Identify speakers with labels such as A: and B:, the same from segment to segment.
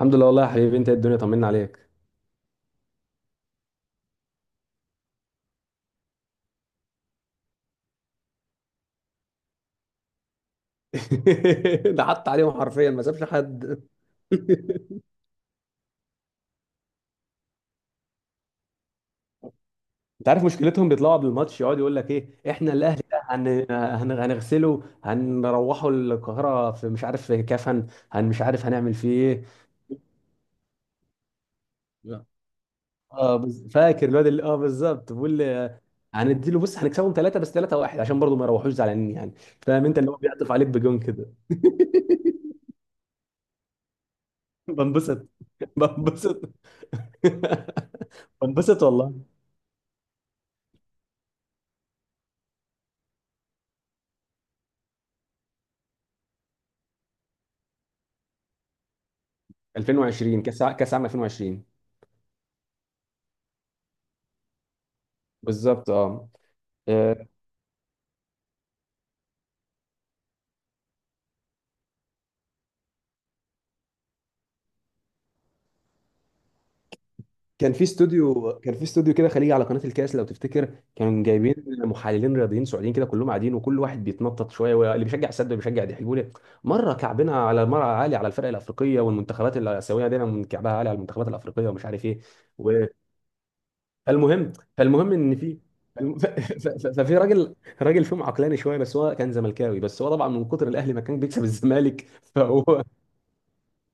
A: الحمد لله والله يا حبيبي. انت ايه؟ الدنيا طمنا عليك. ده حط عليهم حرفيا، ما سابش حد. انت عارف مشكلتهم؟ بيطلعوا قبل الماتش يقعد يقول لك ايه، احنا الاهلي ده هنغسله، هنروحه القاهره، في مش عارف في كفن، مش عارف هنعمل فيه ايه. لا. اه، فاكر الواد اللي بالظبط بيقول لي هنديله، بص هنكسبهم ثلاثه، بس ثلاثه واحد عشان برضه ما يروحوش زعلانين يعني. فاهم؟ انت اللي هو بيعطف عليك بجون كده. بنبسط. بنبسط. بنبسط والله. 2020، كاس عام 2020. بالظبط اه. آه، كان في استوديو كده خليجي على قناة الكاس لو تفتكر، كانوا جايبين محللين رياضيين سعوديين كده كلهم قاعدين، وكل واحد بيتنطط شويه، واللي بيشجع السد واللي بيشجع الحجولي. مره كعبنا على، مره عالي على الفرق الافريقيه والمنتخبات الاسيويه، دايما من كعبها عالي على المنتخبات الافريقيه ومش عارف ايه. و- فالمهم، فالمهم ان في فالم- ف- ف- ف- ففي راجل. راجل فيهم عقلاني شويه، بس هو كان زملكاوي، بس هو طبعا من كتر الاهلي ما كان بيكسب الزمالك. فهو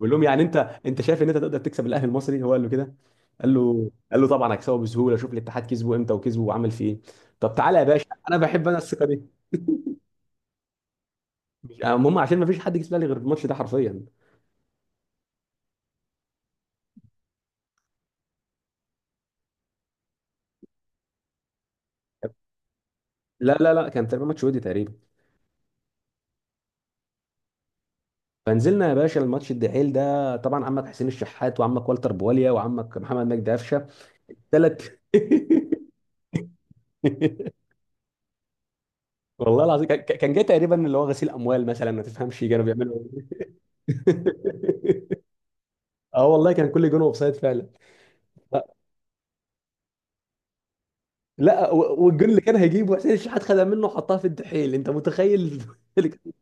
A: بقول لهم، يعني انت شايف ان انت تقدر تكسب الاهلي المصري؟ هو قال له كده. قال له طبعا هكسبه بسهوله، شوف الاتحاد كسبه امتى وكسبه وعمل فيه ايه. طب تعالى يا باشا، انا بحب الثقه دي. المهم، عشان ما فيش حد كسب الاهلي غير الماتش ده حرفيا. لا، كان تقريبا ماتش ودي تقريبا. فنزلنا يا باشا الماتش الدحيل ده، طبعا عمك حسين الشحات وعمك والتر بواليا وعمك محمد مجدي قفشه. ثلاث. والله العظيم كان جاي تقريبا اللي هو غسيل اموال مثلا، ما تفهمش كانوا بيعملوا ايه. اه والله، كان كل جون اوف سايد فعلا. لا، والجون اللي كان هيجيبه حسين الشحات خدها منه وحطها في الدحيل، انت متخيل؟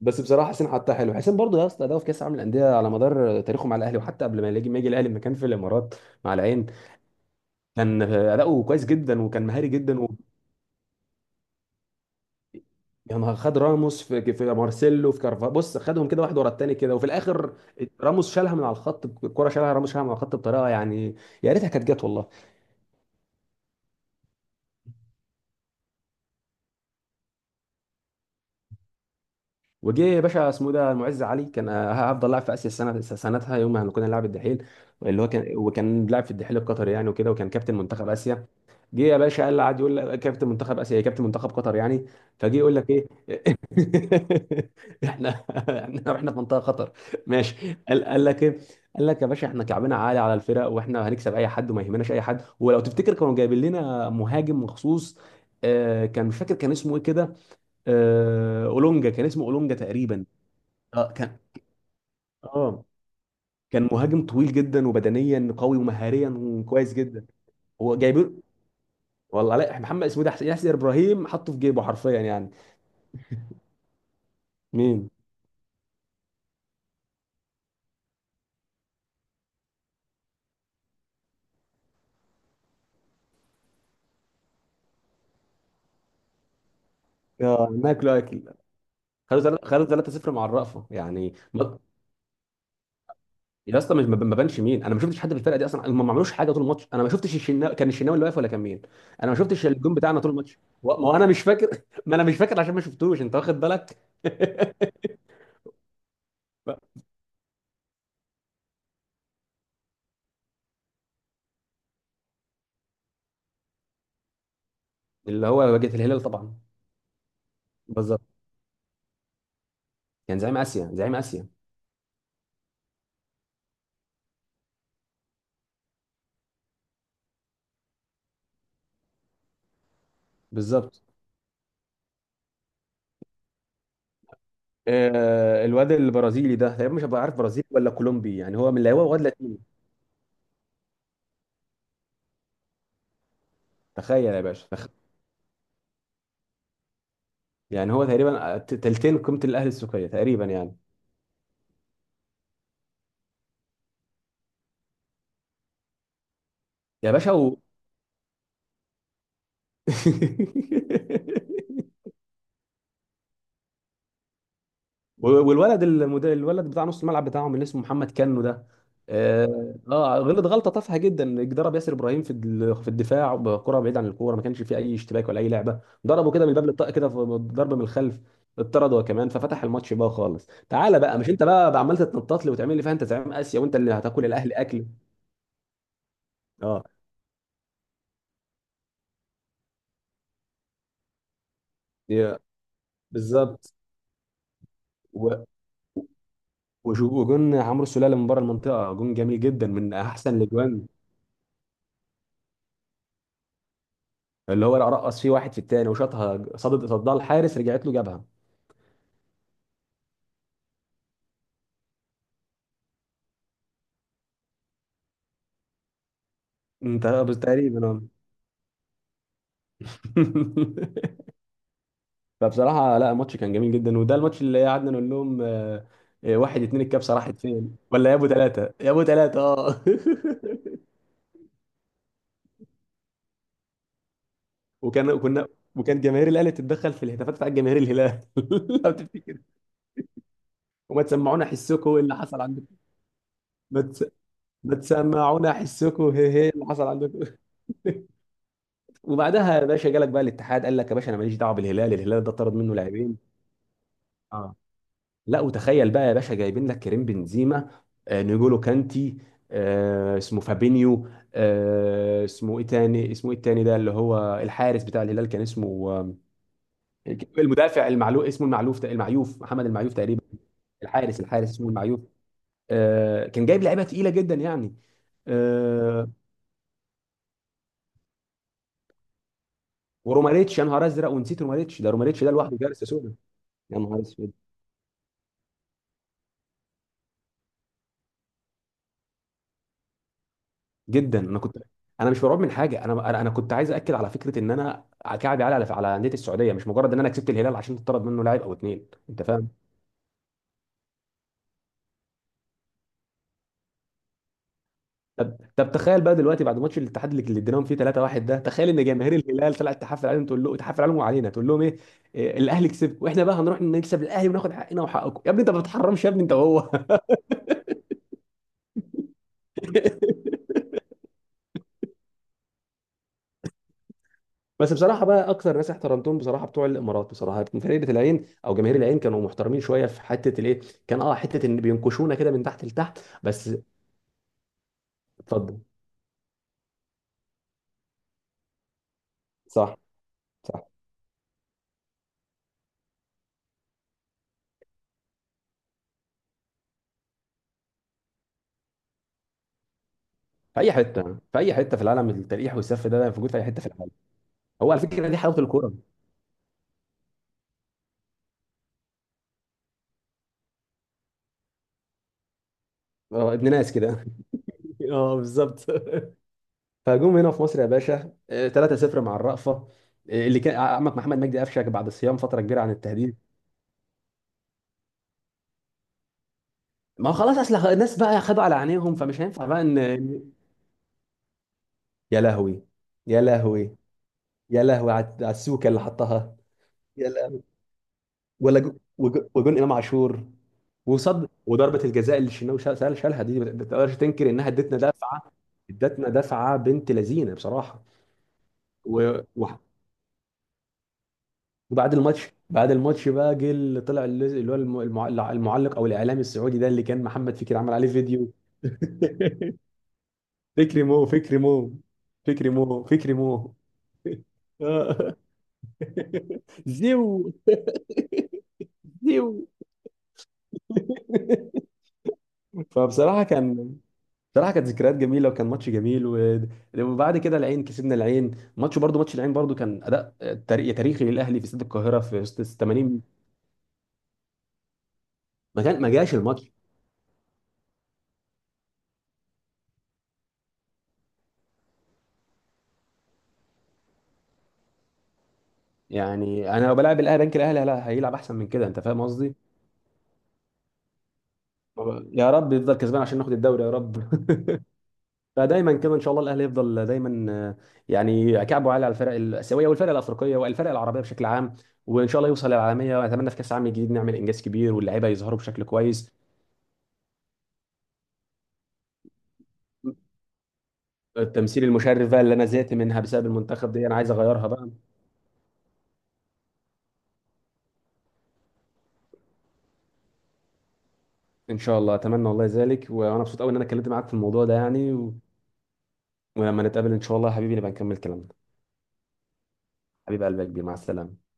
A: بس بصراحه حسين حطها حلو. حسين برضه يا اسطى ده في كاس العالم للانديه على مدار تاريخه مع الاهلي، وحتى قبل ما يجي الاهلي لما كان في الامارات مع العين، كان اداؤه كويس جدا وكان مهاري جدا يعني خد راموس في مارسيلو في كارفا، بص خدهم كده واحد ورا التاني كده، وفي الاخر راموس شالها من على الخط، الكره شالها راموس شالها من على الخط بطريقه يعني. يا ريتها كانت جت والله. وجه يا باشا اسمه ده المعز علي، كان هفضل لاعب في اسيا السنه سنتها يوم ما كنا نلعب الدحيل، اللي هو كان وكان لاعب في الدحيل القطري يعني وكده، وكان كابتن منتخب اسيا. جه يا باشا قال لي، قعد يقول لك كابتن منتخب اسيا كابتن منتخب قطر يعني. فجه يقول لك ايه. احنا في منطقه خطر. ماشي، قال لك ايه. قال لك يا باشا احنا كعبنا عالي على الفرق، واحنا هنكسب اي حد وما يهمناش اي حد، ولو تفتكر كانوا جايبين لنا مهاجم مخصوص. كان مش فاكر كان اسمه ايه كده. اولونجا، كان اسمه اولونجا تقريبا. اه كان. اه كان مهاجم طويل جدا وبدنيا قوي ومهاريا كويس جدا. هو جايبين. والله، لا محمد، اسمه ده حسين ياسر ابراهيم، حطه في جيبه حرفيا يعني. مين؟ اه ناكل اكل. خدوا خدوا 3-0 مع الرأفة يعني يا اسطى ما بانش مين، انا ما شفتش حد في الفرقه دي اصلا، هم ما عملوش حاجه طول الماتش. انا ما شفتش كان الشناوي اللي واقف ولا كان مين. انا ما شفتش الجون بتاعنا طول الماتش. ما هو انا مش فاكر. ما انا مش فاكر عشان ما شفتوش، انت واخد بالك. اللي هو واجهه الهلال طبعا. بالظبط. كان زعيم اسيا بالظبط. آه، الواد البرازيلي ده تقريبا، مش هبقى عارف برازيلي ولا كولومبي، يعني هو من لاهوت، واد لاتيني. تخيل يا باشا يعني هو تقريبا تلتين قيمه الاهلي السوقيه تقريبا يعني. يا باشا والولد الولد بتاع نص الملعب بتاعهم اللي اسمه محمد كنو ده، اه غلط غلطه تافهه جدا، ضرب ياسر ابراهيم في في الدفاع بكره بعيد عن الكوره، ما كانش فيه اي اشتباك ولا اي لعبه. ضربه كده من الباب للطاق كده ضرب من الخلف. اتطرد هو كمان، ففتح الماتش بقى خالص. تعالى بقى، مش انت بقى عمال تتنطط لي وتعمل لي فيها انت زعيم اسيا وانت اللي هتاكل الاهلي اكل. اه. يا- بالظبط. و- وشو- وجون عمرو السوليه من بره المنطقه، جون جميل جدا من احسن الاجوان، اللي هو رقص فيه واحد في التاني وشاطها، صدت الحارس رجعت له جابها. انت بس تقريبا اه. فبصراحه لا، الماتش كان جميل جدا، وده الماتش اللي قعدنا نقول لهم، واحد اتنين، الكبسه راحت فين؟ ولا يا ابو ثلاثه يا ابو ثلاثه، اه. وكان كنا وكان جماهير الاهلي تتدخل في الهتافات بتاعت جماهير الهلال لو تفتكر، وما تسمعونا حسكم اللي حصل عندكم. ما تس- ما تسمعونا حسكم هي هي اللي حصل عندكم. وبعدها يا باشا جالك بقى الاتحاد، قال لك يا باشا انا ماليش دعوه بالهلال، الهلال ده طرد منه لاعبين. اه. لا، وتخيل بقى يا باشا، جايبين لك كريم بنزيما، آه نيجولو كانتي، آه اسمه فابينيو. آه اسمه ايه تاني، اسمه ايه التاني ده اللي هو الحارس بتاع الهلال، كان اسمه آه، المدافع المعلوف، اسمه المعلوف، المعيوف، محمد المعيوف تقريبا. الحارس اسمه المعيوف. آه كان جايب لعيبه تقيله جدا يعني. آه، وروماريتش، يا نهار ازرق ونسيت روماريتش. ده روماريتش ده لوحده جالس يا سودا. يا نهار اسود. جدا انا كنت. انا مش مرعوب من حاجه، انا انا أنا كنت عايز اكد على فكره ان انا كعبي عالي على انديه السعوديه، مش مجرد ان انا كسبت الهلال عشان تطرد منه لاعب او اتنين، انت فاهم. طب تخيل بقى دلوقتي بعد ماتش الاتحاد اللي اديناهم فيه 3-1 ده، تخيل ان جماهير الهلال طلعت تحفل عليهم، تقول له تحفل عليهم وعلينا. تقول لهم ايه؟ الاهلي كسب واحنا بقى هنروح نكسب الاهلي وناخد حقنا وحقكم يا ابني، انت ما بتحرمش يا ابني انت وهو. بس بصراحه بقى، اكتر ناس احترمتهم بصراحه بتوع الامارات، بصراحه من فرقه العين او جماهير العين كانوا محترمين شويه في حته الايه. كان اه حته ان بينكشونا كده من تحت لتحت بس. اتفضل. صح. صح، في اي حته، في اي حته في العالم، التلقيح والسف ده موجود في اي حته في العالم. هو على فكره دي حلاوه الكوره. اه ابن ناس كده. اه بالظبط. فجم هنا في مصر يا باشا 3-0 مع الرأفة. اللي كان عمك محمد مجدي قفشك بعد صيام فتره كبيره عن التهديد. ما هو خلاص، اصل الناس بقى خدوا على عينيهم، فمش هينفع بقى ان. يا لهوي. يا لهوي. يا لهوي على السوكه اللي حطها. يا لهوي. ولا وجون امام عاشور. وصد، وضربه الجزاء اللي الشناوي شالها دي، ما تقدرش تنكر انها ادتنا دفعه. ادتنا دفعه بنت لذينه بصراحه. و... و... وبعد الماتش بعد الماتش بقى جه اللي طلع، اللي اللي هو المعلق او الاعلامي السعودي ده، اللي كان محمد فكري عمل عليه فيديو. فكري مو، فكري مو. فكري مو فكري مو آه. زيو. زيو. فبصراحه كان، بصراحه كانت ذكريات جميله، وكان ماتش جميل وبعد كده العين، كسبنا العين ماتش برضو. ماتش العين برضو كان اداء تاريخي للاهلي في استاد القاهره في وسط 80. ما كان، ما جاش الماتش. يعني انا لو بلعب الاهلي بنك الاهلي، لا هيلعب احسن من كده، انت فاهم قصدي. يا رب يفضل كسبان عشان ناخد الدوري يا رب. فدايما كده ان شاء الله الاهلي يفضل دايما، يعني كعبه عالي على الفرق الاسيويه والفرق الافريقيه والفرق العربيه بشكل عام. وان شاء الله يوصل للعالميه، واتمنى في كاس العالم الجديد نعمل انجاز كبير، واللعيبه يظهروا بشكل كويس. التمثيل المشرف بقى اللي انا زهقت منها بسبب المنتخب دي، انا عايز اغيرها بقى. ان شاء الله اتمنى والله ذلك، وانا مبسوط قوي ان انا اتكلمت معاك في الموضوع ده يعني ولما نتقابل ان شاء الله يا حبيبي نبقى نكمل كلامنا. حبيب قلبي يا كبير، مع السلامه.